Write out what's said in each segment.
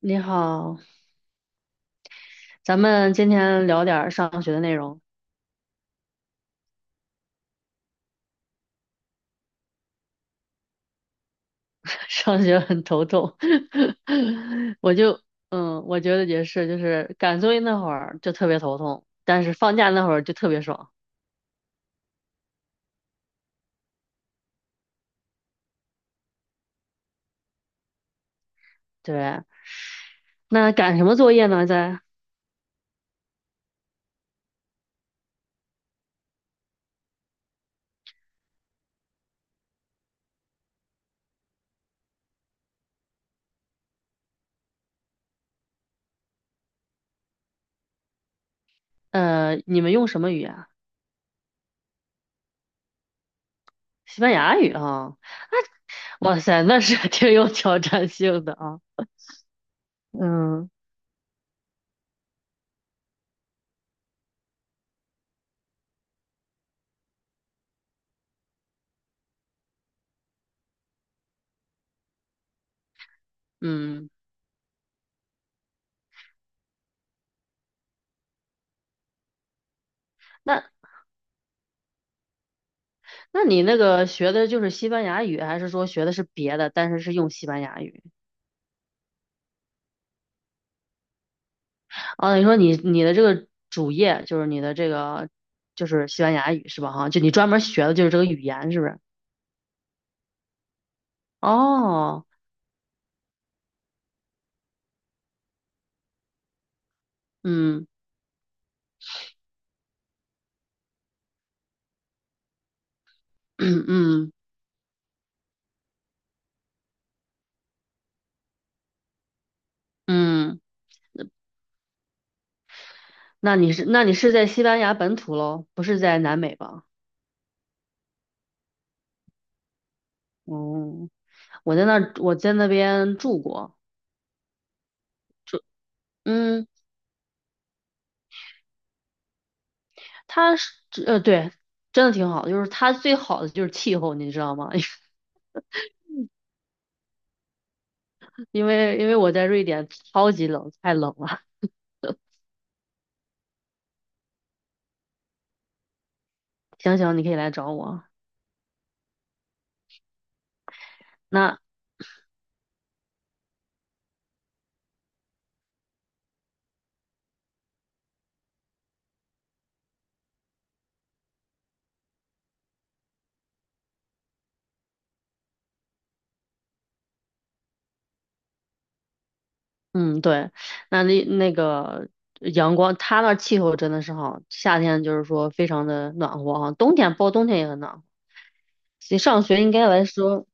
你好，咱们今天聊点儿上学的内容。上学很头痛，我就我觉得也是，就是赶作业那会儿就特别头痛，但是放假那会儿就特别爽。对，那赶什么作业呢？你们用什么语言？西班牙语啊！哇塞，那是 挺有挑战性的啊。嗯。嗯，那那你那个学的就是西班牙语，还是说学的是别的，但是是用西班牙语？哦，你说你的这个主业就是你的这个就是西班牙语是吧？哈，就你专门学的就是这个语言是不是？哦。嗯。 嗯。嗯，那你是在西班牙本土喽，不是在南美吧？哦，我在那边住过。嗯，它是对，真的挺好的，就是它最好的就是气候，你知道吗？因为我在瑞典超级冷，太冷了。行行，你可以来找我。那嗯，对，那那个阳光，它那儿气候真的是好，夏天就是说非常的暖和啊，冬天包括冬天也很暖和。其实上学应该来说，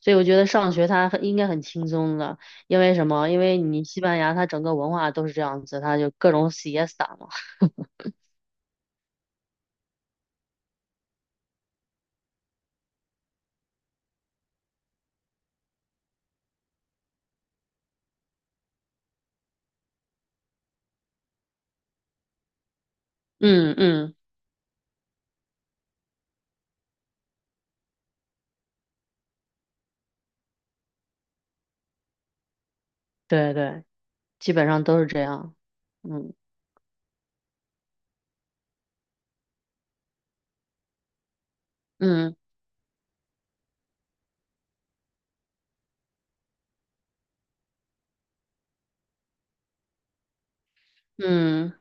所以我觉得上学它很应该很轻松的，因为什么？因为你西班牙它整个文化都是这样子，它就各种 s i e s 嘛。嗯。嗯，对对，基本上都是这样。嗯。嗯。嗯。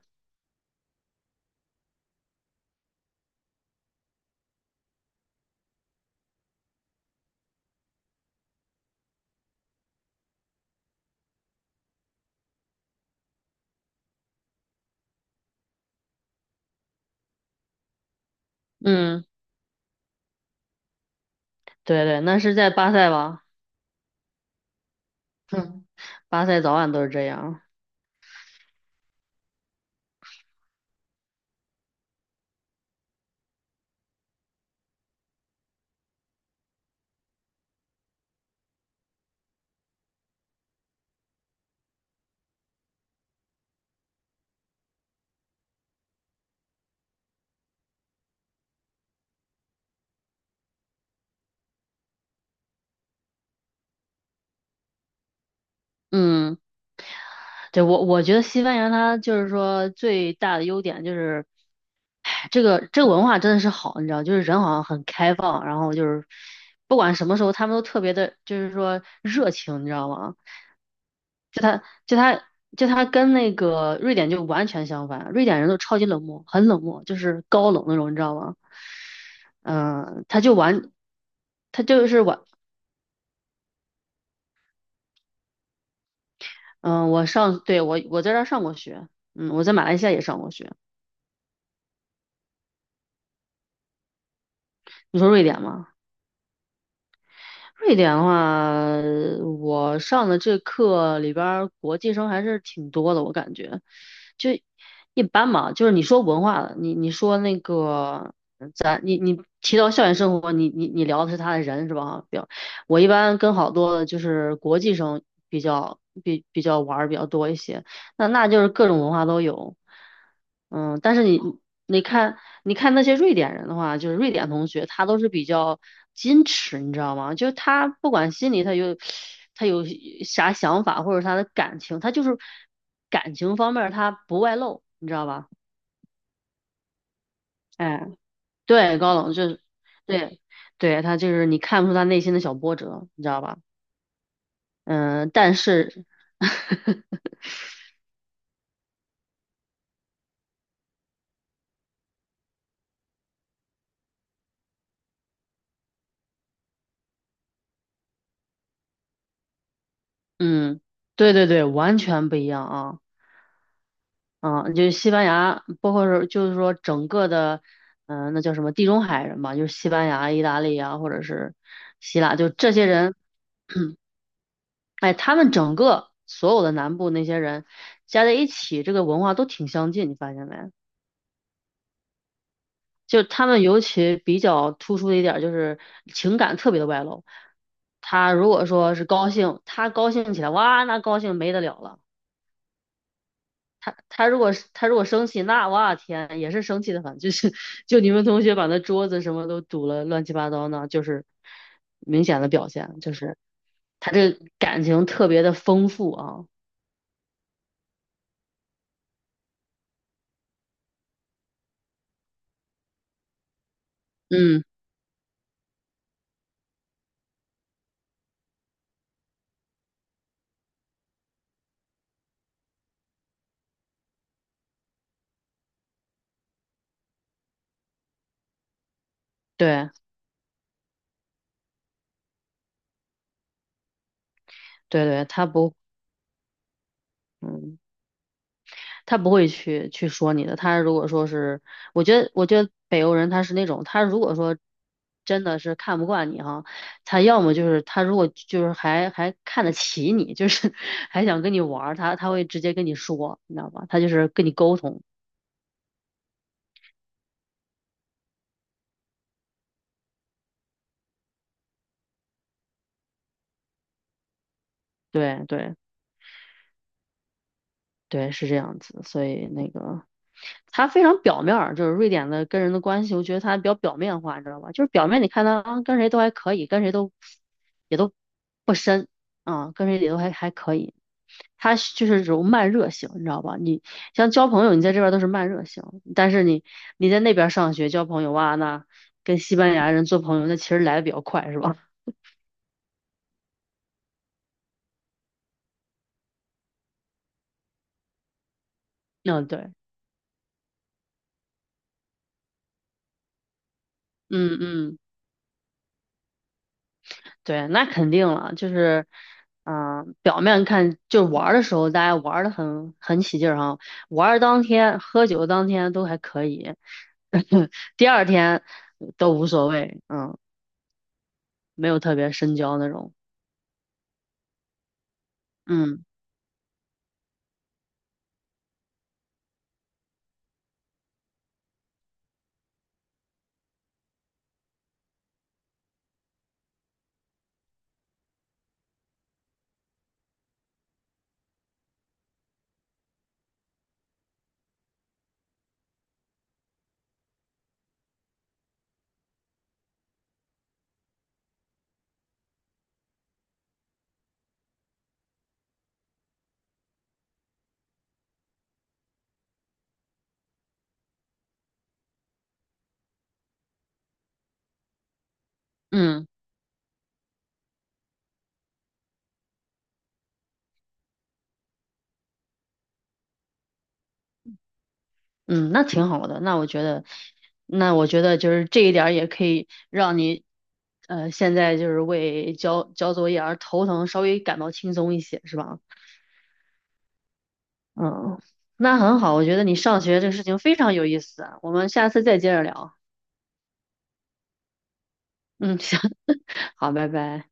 嗯，对对，那是在巴塞吧？哼，巴塞早晚都是这样。嗯。对，我我觉得西班牙它就是说最大的优点就是，哎这个这个文化真的是好，你知道，就是人好像很开放，然后就是不管什么时候他们都特别的，就是说热情，你知道吗？就他就他就他跟那个瑞典就完全相反，瑞典人都超级冷漠，很冷漠，就是高冷那种，你知道吗？嗯、他就完，他就是完，嗯、我上，对，我在这儿上过学，嗯，我在马来西亚也上过学。你说瑞典吗？瑞典的话，我上的这课里边儿国际生还是挺多的，我感觉就一般嘛。就是你说文化的，你你说那个你提到校园生活，你你你聊的是他的人是吧？比较，我一般跟好多的就是国际生比较玩儿比较多一些。那那就是各种文化都有。嗯，但是你你看，你看那些瑞典人的话，就是瑞典同学，他都是比较矜持，你知道吗？就是他不管心里他有啥想法，或者他的感情，他就是感情方面儿他不外露，你知道吧？哎，对，高冷就是对对，他就是你看不出他内心的小波折，你知道吧？嗯，但是嗯，对对对，完全不一样啊。嗯，就是西班牙，包括是就是说整个的，那叫什么地中海人吧，就是西班牙、意大利啊，或者是希腊，就这些人。哎，他们整个所有的南部那些人加在一起，这个文化都挺相近，你发现没？就他们尤其比较突出的一点儿就是情感特别的外露。他如果说是高兴，他高兴起来，哇，那高兴没得了了。他如果生气，那哇天也是生气的很，就是就你们同学把那桌子什么都堵了乱七八糟呢，就是明显的表现，就是他这感情特别的丰富啊。嗯，对对对，他不，嗯。他不会去说你的。他如果说是，我觉得北欧人他是那种，他如果说真的是看不惯你哈，他要么就是他如果就是还还看得起你，就是 还想跟你玩儿，他会直接跟你说，你知道吧？他就是跟你沟通。对对。对，是这样子，所以那个他非常表面儿，就是瑞典的跟人的关系，我觉得他比较表面化，你知道吧？就是表面你看他啊，跟谁都还可以，跟谁都也都不深啊，跟谁也都还可以。他是就是这种慢热型，你知道吧？你像交朋友，你在这边儿都是慢热型，但是你在那边儿上学交朋友哇，那跟西班牙人做朋友，那其实来的比较快，是吧？嗯，对，嗯。嗯。对，那肯定了，就是，表面看就玩儿的时候，大家玩儿的很起劲儿哈，玩儿当天、喝酒当天都还可以，第二天都无所谓。嗯，没有特别深交那种。嗯。嗯。嗯，那挺好的，那我觉得就是这一点儿也可以让你，现在就是为交作业而头疼，稍微感到轻松一些，是吧？嗯，那很好，我觉得你上学这个事情非常有意思啊，我们下次再接着聊。嗯，行，好，拜拜。